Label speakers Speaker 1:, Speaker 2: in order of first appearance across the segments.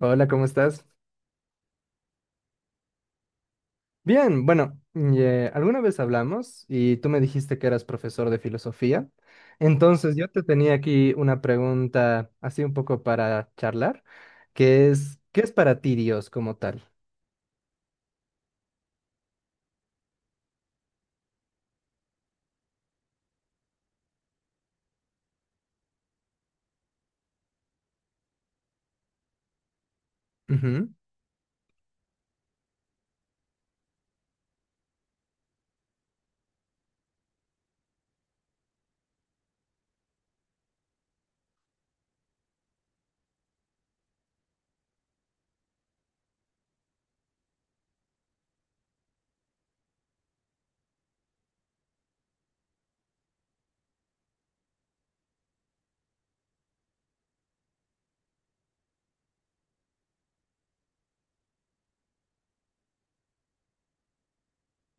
Speaker 1: Hola, ¿cómo estás? Bien, bueno, y, alguna vez hablamos y tú me dijiste que eras profesor de filosofía. Entonces yo te tenía aquí una pregunta así un poco para charlar, que es, ¿qué es para ti Dios como tal? Ujú.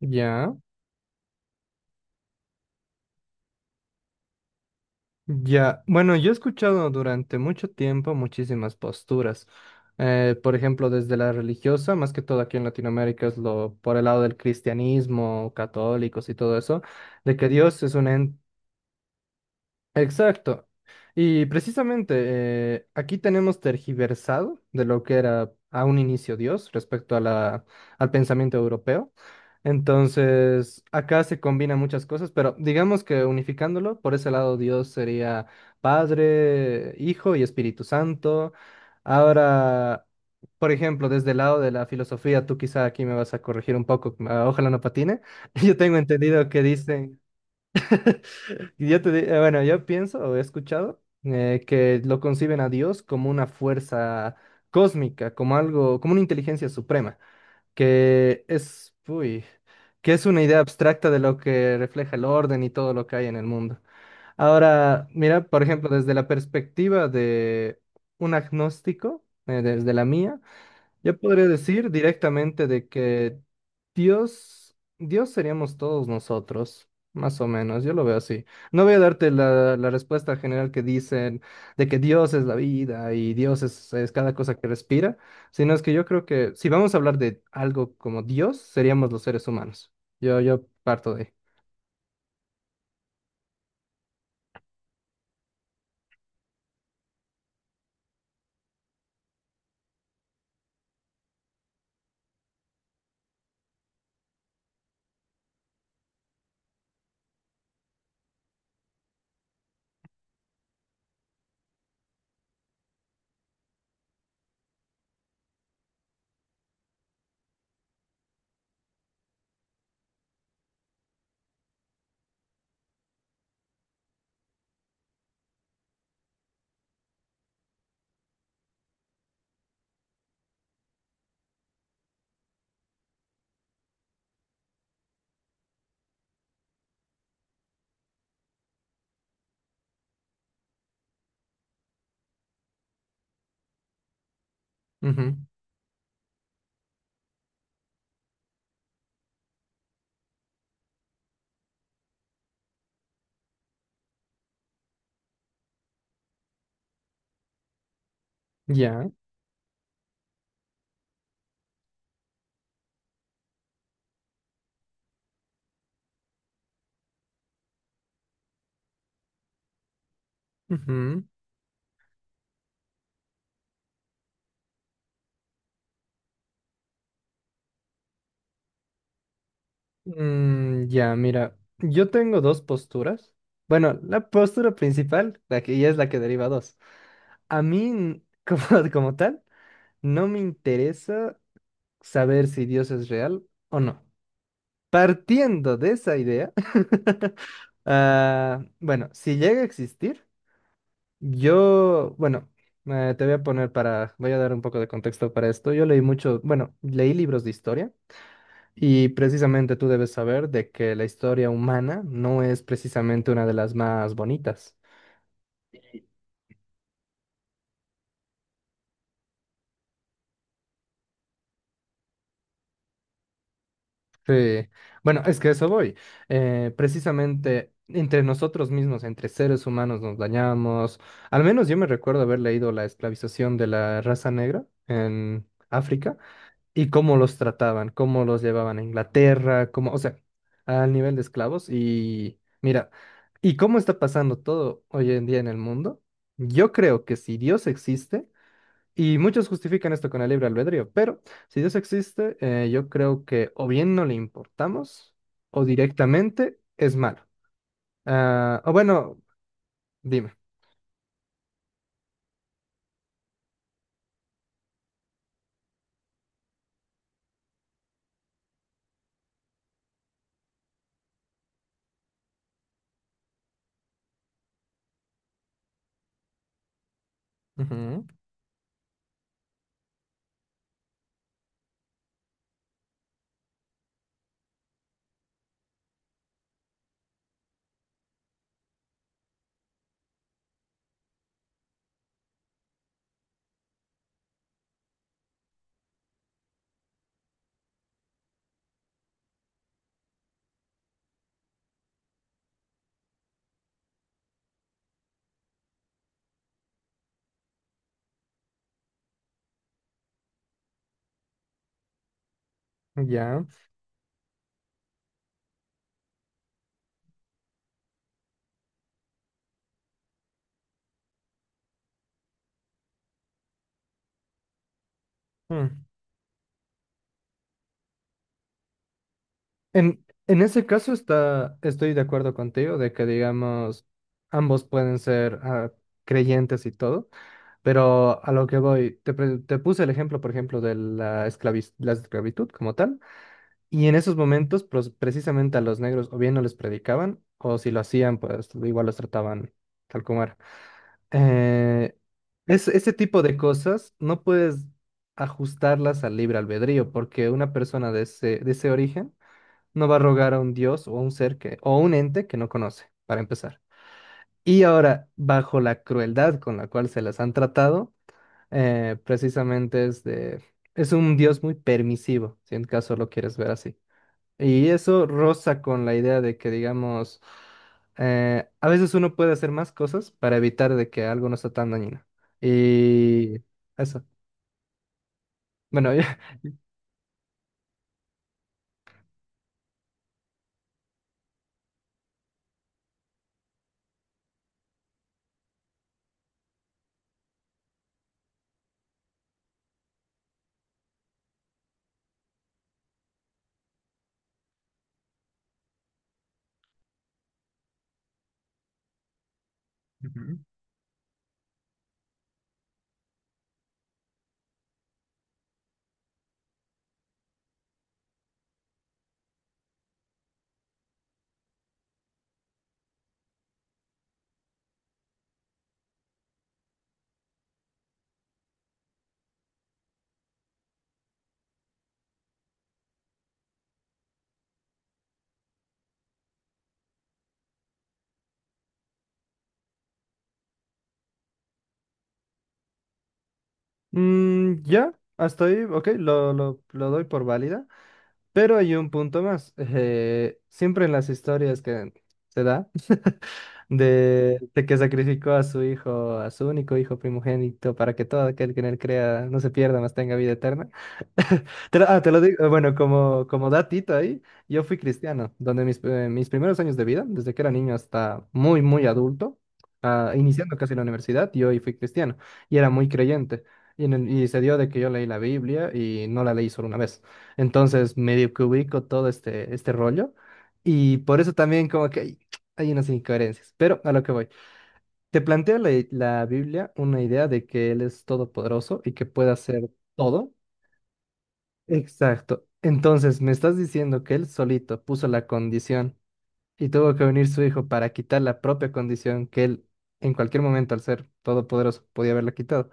Speaker 1: Ya, ya. Bueno, yo he escuchado durante mucho tiempo muchísimas posturas. Por ejemplo, desde la religiosa, más que todo aquí en Latinoamérica es lo por el lado del cristianismo, católicos y todo eso de que Dios es un ente. Exacto. Y precisamente aquí tenemos tergiversado de lo que era a un inicio Dios respecto a al pensamiento europeo. Entonces, acá se combinan muchas cosas, pero digamos que unificándolo, por ese lado Dios sería Padre, Hijo y Espíritu Santo. Ahora, por ejemplo, desde el lado de la filosofía, tú quizá aquí me vas a corregir un poco, ah, ojalá no patine. Yo tengo entendido que dicen... bueno, yo pienso o he escuchado que lo conciben a Dios como una fuerza cósmica, como algo, como una inteligencia suprema, que es, uy, que es una idea abstracta de lo que refleja el orden y todo lo que hay en el mundo. Ahora, mira, por ejemplo, desde la perspectiva de un agnóstico, desde la mía, yo podría decir directamente de que Dios seríamos todos nosotros, más o menos, yo lo veo así. No voy a darte la respuesta general que dicen de que Dios es la vida y Dios es cada cosa que respira, sino es que yo creo que si vamos a hablar de algo como Dios, seríamos los seres humanos. Yo parto de ahí. Ujú. Ya. Ujú. Ya, mira, yo tengo dos posturas. Bueno, la postura principal, la que ya es la que deriva dos. A mí, como, como tal, no me interesa saber si Dios es real o no. Partiendo de esa idea, ah, bueno, si llega a existir, yo, bueno, te voy a poner para, voy a dar un poco de contexto para esto. Yo leí mucho, bueno, leí libros de historia y precisamente tú debes saber de que la historia humana no es precisamente una de las más bonitas. Sí, bueno, es que a eso voy. Precisamente entre nosotros mismos, entre seres humanos, nos dañamos. Al menos yo me recuerdo haber leído la esclavización de la raza negra en África y cómo los trataban, cómo los llevaban a Inglaterra, cómo, o sea, al nivel de esclavos. Y mira, ¿y cómo está pasando todo hoy en día en el mundo? Yo creo que si Dios existe y muchos justifican esto con el libre albedrío, pero si Dios existe, yo creo que o bien no le importamos o directamente es malo. Ah, o bueno, dime. Ujú, ya. Mm. En ese caso estoy de acuerdo contigo de que, digamos, ambos pueden ser ah, creyentes y todo, pero a lo que voy, te puse el ejemplo, por ejemplo, de la la esclavitud como tal. Y en esos momentos, precisamente a los negros o bien no les predicaban, o si lo hacían, pues igual los trataban tal como era. Eh, ese tipo de cosas no puedes ajustarlas al libre albedrío, porque una persona de ese origen no va a rogar a un dios o a un ser que, o a un ente que no conoce, para empezar. Y ahora, bajo la crueldad con la cual se las han tratado, precisamente es un dios muy permisivo, si en caso lo quieres ver así. Y eso roza con la idea de que, digamos, a veces uno puede hacer más cosas para evitar de que algo no sea tan dañino. Y eso. Bueno, ya. Ujú. Ya, hasta ahí, ok, lo doy por válida. Pero hay un punto más. Siempre en las historias que se da de que sacrificó a su hijo, a su único hijo primogénito, para que todo aquel que en él crea no se pierda, mas tenga vida eterna. Te lo digo, bueno, como, como datito ahí, yo fui cristiano, donde mis, mis primeros años de vida, desde que era niño hasta muy, muy adulto, ah, iniciando casi la universidad, yo ahí fui cristiano y era muy creyente. Y, y se dio de que yo leí la Biblia y no la leí solo una vez. Entonces, medio que ubico todo este rollo y por eso también como que hay unas incoherencias, pero a lo que voy. Te plantea la Biblia una idea de que Él es todopoderoso y que puede hacer todo. Exacto. Entonces, me estás diciendo que él solito puso la condición y tuvo que venir su hijo para quitar la propia condición que él en cualquier momento, al ser todopoderoso, podía haberla quitado.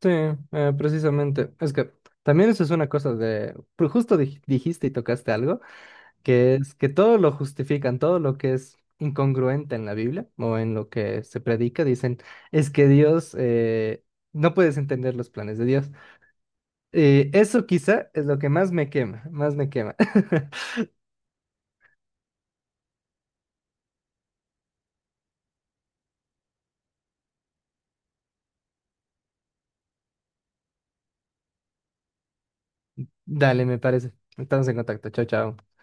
Speaker 1: Sí, precisamente. Es que también eso es una cosa de... pero justo dijiste y tocaste algo, que es que todo lo justifican, todo lo que es incongruente en la Biblia o en lo que se predica, dicen, es que Dios... No puedes entender los planes de Dios. Eso quizá es lo que más me quema, más me quema. Dale, me parece. Estamos en contacto. Chao, chao.